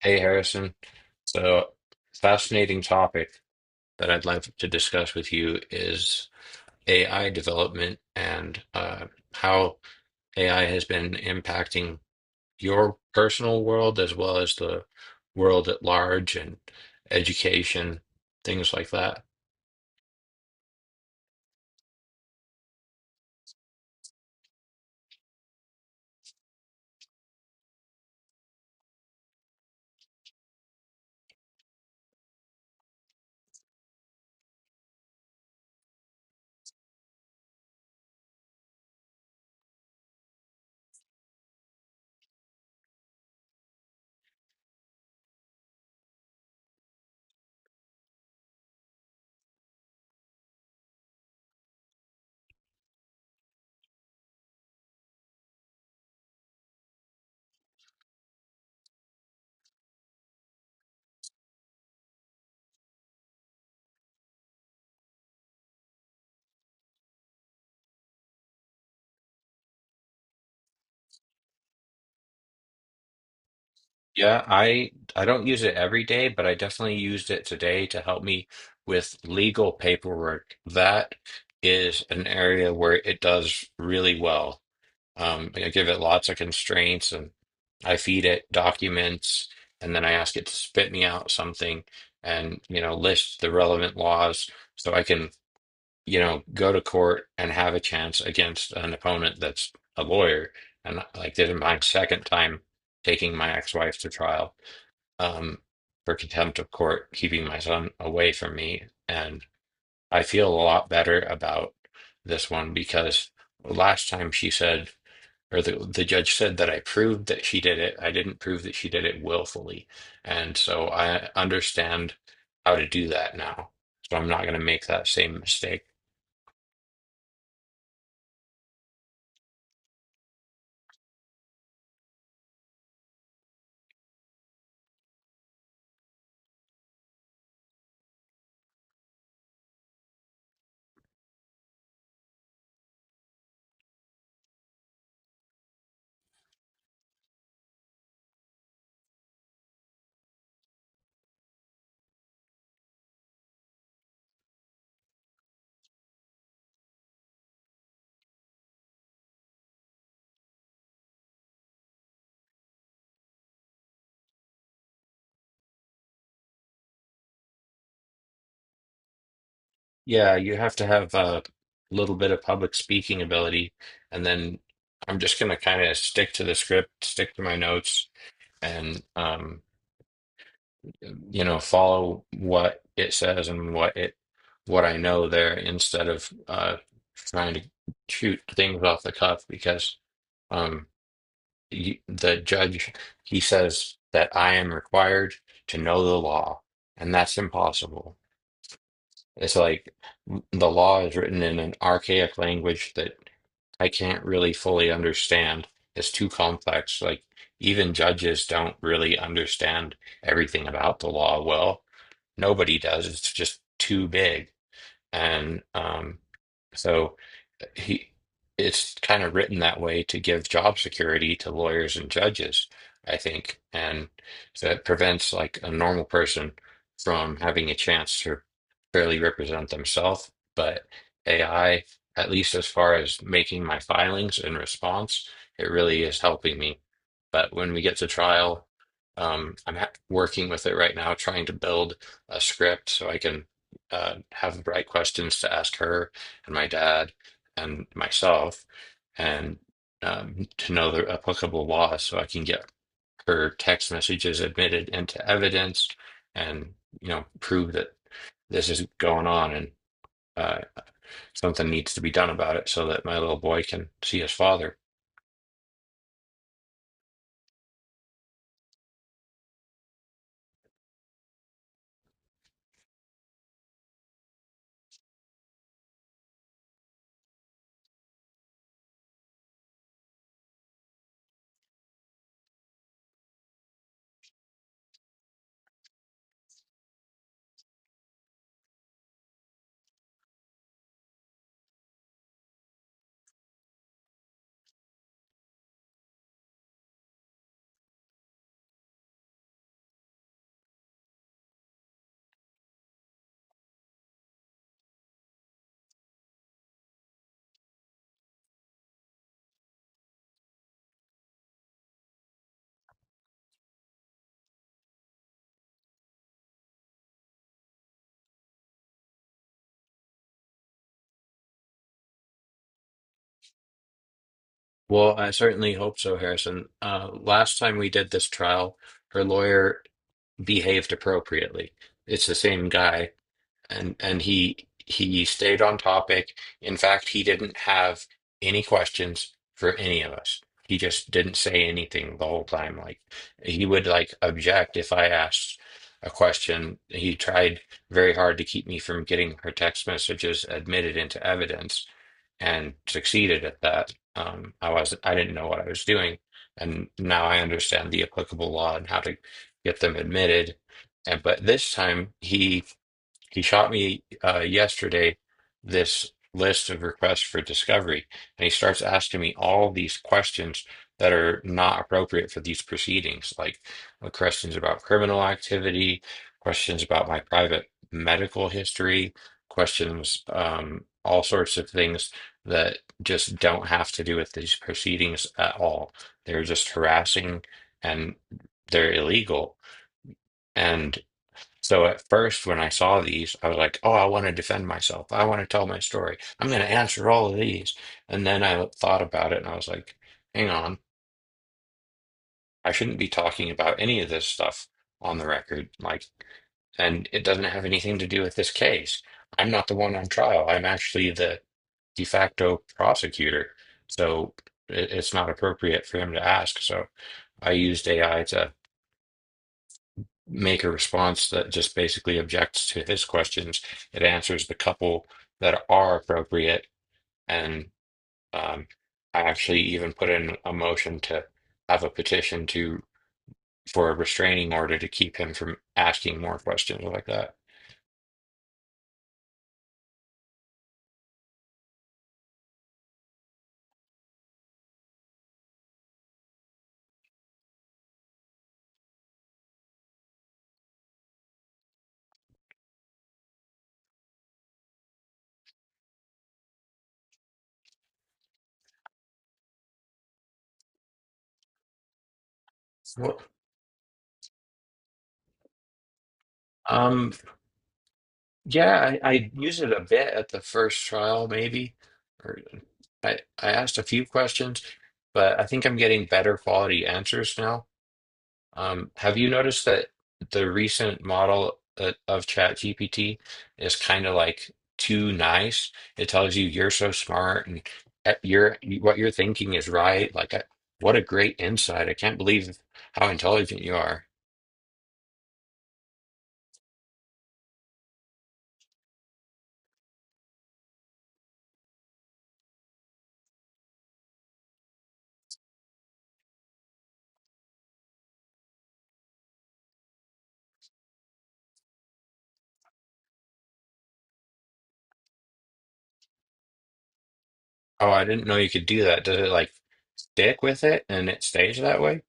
Hey, Harrison. So, fascinating topic that I'd like to discuss with you is AI development and how AI has been impacting your personal world as well as the world at large and education, things like that. Yeah, I don't use it every day, but I definitely used it today to help me with legal paperwork. That is an area where it does really well. I give it lots of constraints and I feed it documents and then I ask it to spit me out something and, you know, list the relevant laws so I can, you know, go to court and have a chance against an opponent that's a lawyer. And like did in my second time taking my ex-wife to trial, um, for contempt of court, keeping my son away from me. And I feel a lot better about this one because last time she said, or the judge said that I proved that she did it. I didn't prove that she did it willfully. And so I understand how to do that now. So I'm not going to make that same mistake. Yeah, you have to have a little bit of public speaking ability, and then I'm just going to kind of stick to the script, stick to my notes, and you know, follow what it says and what it what I know there instead of trying to shoot things off the cuff because um, you, the judge, he says that I am required to know the law, and that's impossible. It's like the law is written in an archaic language that I can't really fully understand. It's too complex. Like even judges don't really understand everything about the law well. Nobody does. It's just too big. And so he it's kind of written that way to give job security to lawyers and judges, I think, and so it prevents like a normal person from having a chance to fairly represent themselves. But AI, at least as far as making my filings in response, it really is helping me. But when we get to trial, I'm ha working with it right now, trying to build a script so I can have the right questions to ask her and my dad and myself and to know the applicable laws, so I can get her text messages admitted into evidence and you know prove that this is going on and uh, something needs to be done about it so that my little boy can see his father. Well, I certainly hope so, Harrison. Last time we did this trial, her lawyer behaved appropriately. It's the same guy and and he stayed on topic. In fact, he didn't have any questions for any of us. He just didn't say anything the whole time. Like he would like object if I asked a question. He tried very hard to keep me from getting her text messages admitted into evidence and succeeded at that. Um, I didn't know what I was doing, and now I understand the applicable law and how to get them admitted. And but this time he shot me, yesterday, this list of requests for discovery, and he starts asking me all these questions that are not appropriate for these proceedings, like questions about criminal activity, questions about my private medical history, questions, all sorts of things that just don't have to do with these proceedings at all. They're just harassing and they're illegal. So at first, when I saw these, I was like, oh, I want to defend myself. I want to tell my story. I'm going to answer all of these. And then I thought about it and I was like, hang on, I shouldn't be talking about any of this stuff on the record. Like, and it doesn't have anything to do with this case. I'm not the one on trial. I'm actually the de facto prosecutor. So it's not appropriate for him to ask. So I used AI to make a response that just basically objects to his questions. It answers the couple that are appropriate, and um, I actually even put in a motion to have a petition to for a restraining order to keep him from asking more questions like that. Well, um, yeah, I used it a bit at the first trial, maybe, or I asked a few questions, but I think I'm getting better quality answers now. Have you noticed that the recent model of ChatGPT is kind of like too nice? It tells you you're so smart and you're what you're thinking is right. Like, what a great insight! I can't believe how intelligent you are. Oh, I didn't know you could do that. Does it like stick with it and it stays that way?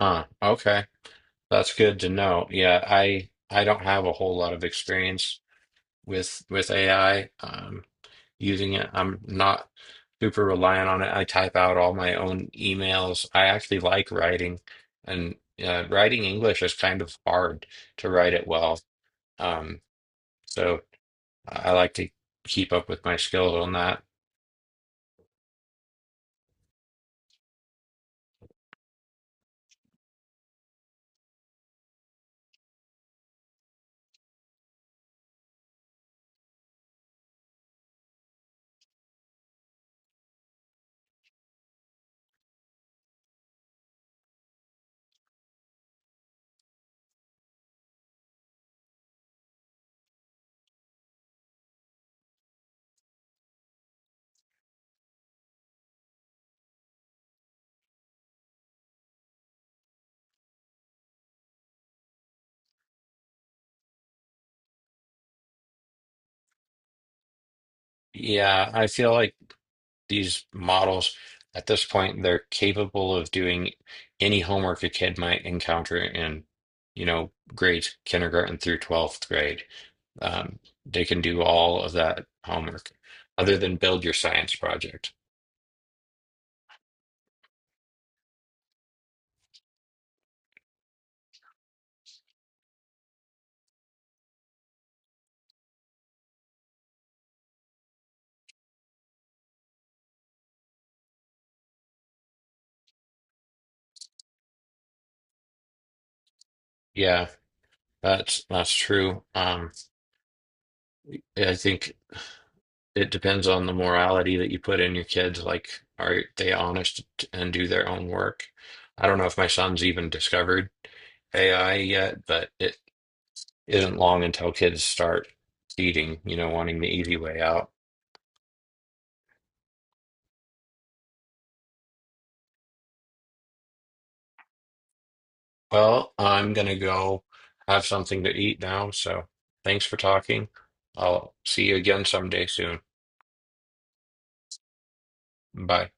Huh. Okay, that's good to know. Yeah, I don't have a whole lot of experience with AI. Using it, I'm not super reliant on it. I type out all my own emails. I actually like writing, and writing English is kind of hard to write it well. Um, so I like to keep up with my skills on that. Yeah, I feel like these models at this point they're capable of doing any homework a kid might encounter in, you know, grades kindergarten through 12th grade. Um, they can do all of that homework other than build your science project. Yeah, that's true. Yeah, I think it depends on the morality that you put in your kids. Like, are they honest and do their own work? I don't know if my son's even discovered AI yet, but it isn't long until kids start cheating, you know, wanting the easy way out. Well, I'm gonna go have something to eat now, so thanks for talking. I'll see you again someday soon. Bye.